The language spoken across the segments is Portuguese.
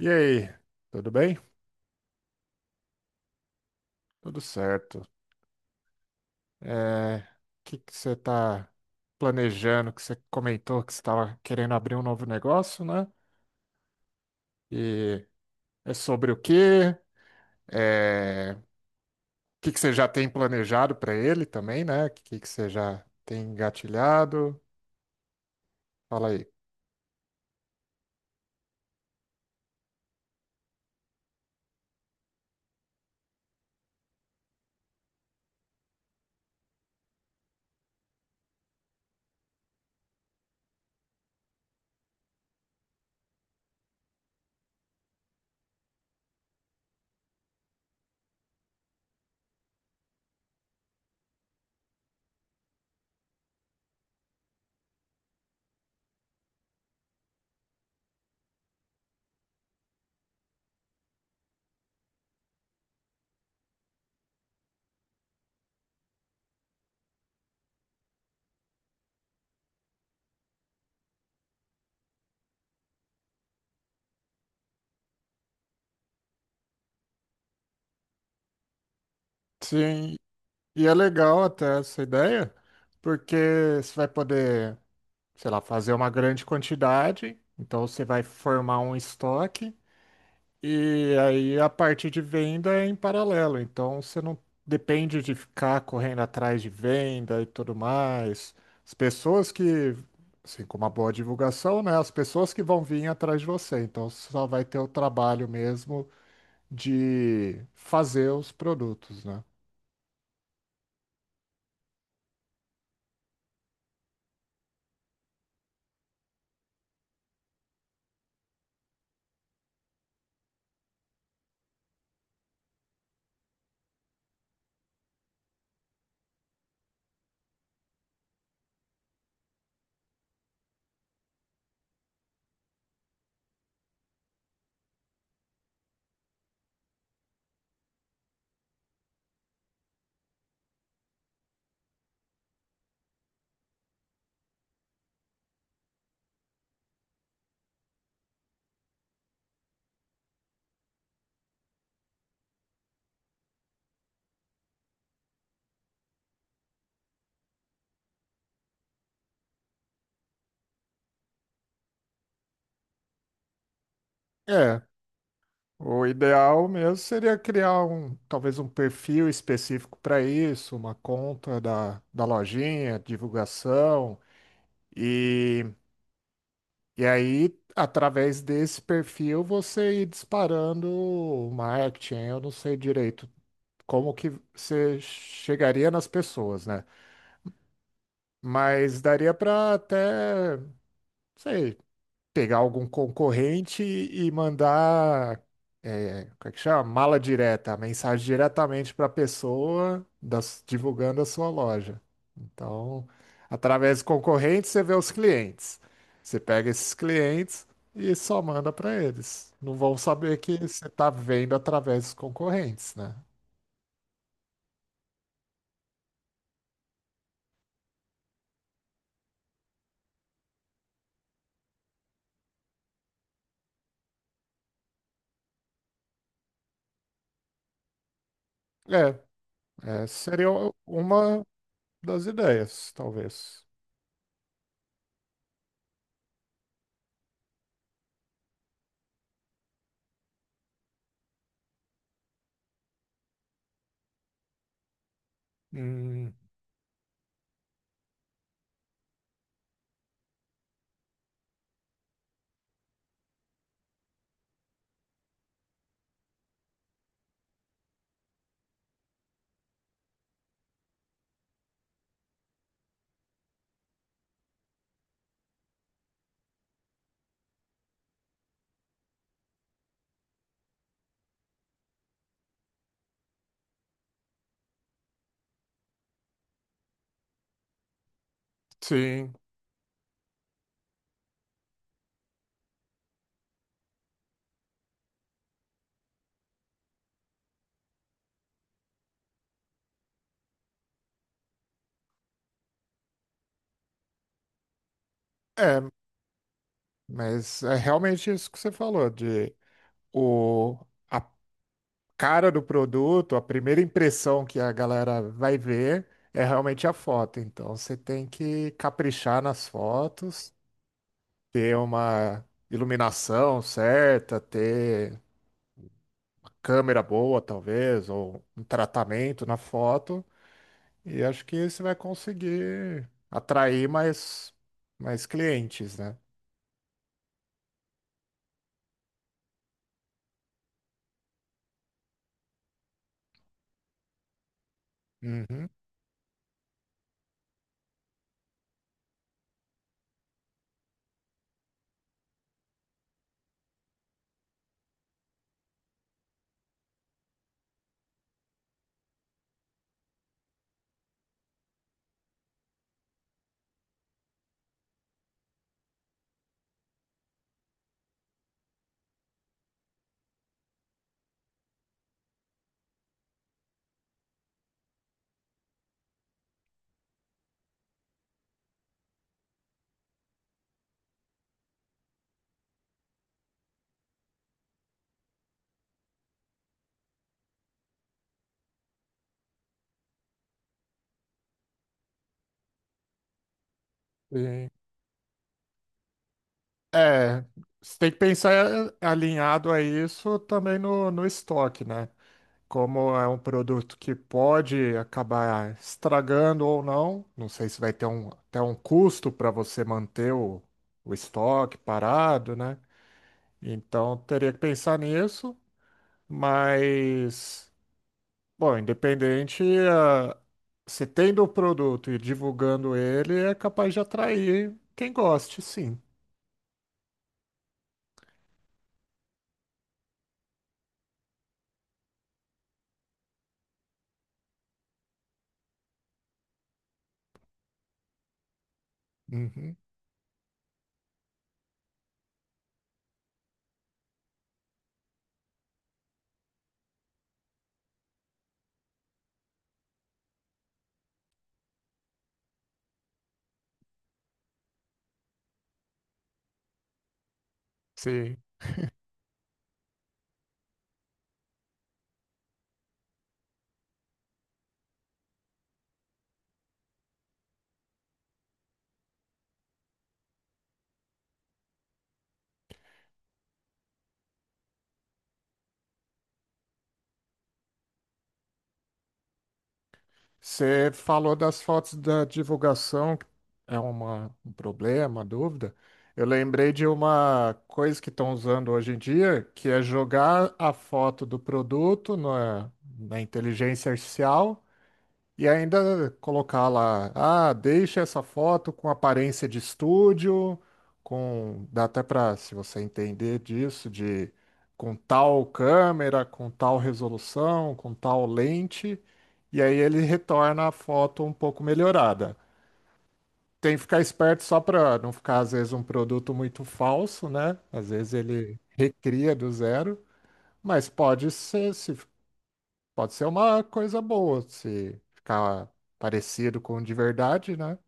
E aí, tudo bem? Tudo certo. O que que você está planejando? Que você comentou que você estava querendo abrir um novo negócio, né? E é sobre o quê? O que que você já tem planejado para ele também, né? O que que você já tem engatilhado? Fala aí. Sim, e é legal até essa ideia, porque você vai poder, sei lá, fazer uma grande quantidade, então você vai formar um estoque. E aí a parte de venda é em paralelo, então você não depende de ficar correndo atrás de venda e tudo mais. As pessoas que, assim, com uma boa divulgação, né? As pessoas que vão vir atrás de você, então você só vai ter o trabalho mesmo de fazer os produtos, né? É, o ideal mesmo seria criar um, talvez um perfil específico para isso, uma conta da, da lojinha, divulgação. E E aí, através desse perfil, você ir disparando o marketing. Eu não sei direito como que você chegaria nas pessoas, né? Mas daria para até, não sei, pegar algum concorrente e mandar, como é que chama? Mala direta, a mensagem diretamente para a pessoa divulgando a sua loja. Então, através do concorrente, você vê os clientes. Você pega esses clientes e só manda para eles. Não vão saber que você está vendo através dos concorrentes, né? É, é, seria uma das ideias, talvez. Hum, sim. É, Mas é realmente isso que você falou, de o, a cara do produto, a primeira impressão que a galera vai ver é realmente a foto. Então você tem que caprichar nas fotos, ter uma iluminação certa, ter câmera boa, talvez, ou um tratamento na foto. E acho que você vai conseguir atrair mais, mais clientes, né? Uhum. Sim. É, Você tem que pensar alinhado a isso também no estoque, né? Como é um produto que pode acabar estragando ou não, não sei se vai ter até um custo para você manter o estoque parado, né? Então teria que pensar nisso, mas, bom, independente, ah, se tendo o produto e divulgando ele, é capaz de atrair quem goste, sim. Uhum. Sim. Você falou das fotos da divulgação, que é um problema, dúvida. Eu lembrei de uma coisa que estão usando hoje em dia, que é jogar a foto do produto na inteligência artificial. E ainda colocar lá, ah, deixa essa foto com aparência de estúdio, com, dá até para, se você entender disso, de com tal câmera, com tal resolução, com tal lente, e aí ele retorna a foto um pouco melhorada. Tem que ficar esperto só para não ficar, às vezes, um produto muito falso, né? Às vezes ele recria do zero, mas pode ser, se Pode ser uma coisa boa se ficar parecido com o de verdade, né?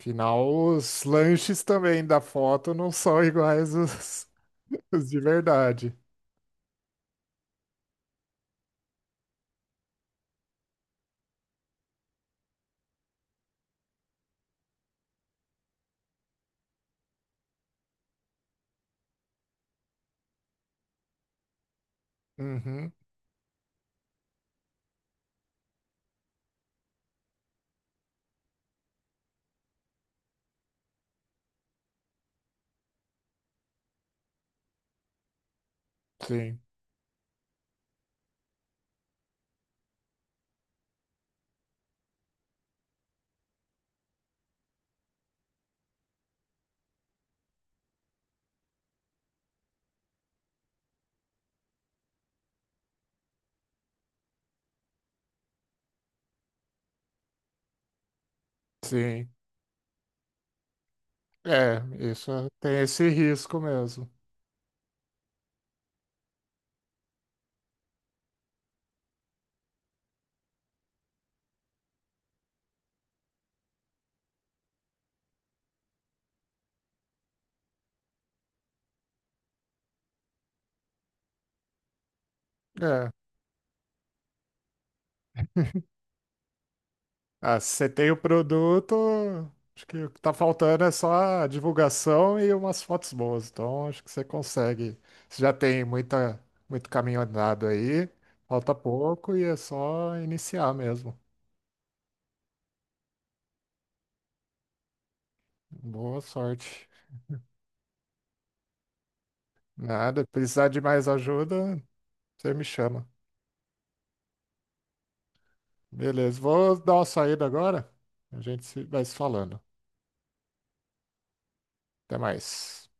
Afinal, os lanches também da foto não são iguais os, os de verdade. Uhum, sim, sim. É, isso é, tem esse risco mesmo. É. Ah, se você tem o produto, acho que o que tá faltando é só a divulgação e umas fotos boas. Então, acho que você consegue. Você já tem muita, muito caminho andado aí, falta pouco e é só iniciar mesmo. Boa sorte. Nada, precisar de mais ajuda, você me chama. Beleza, vou dar uma saída agora. A gente se- vai se falando. Até mais.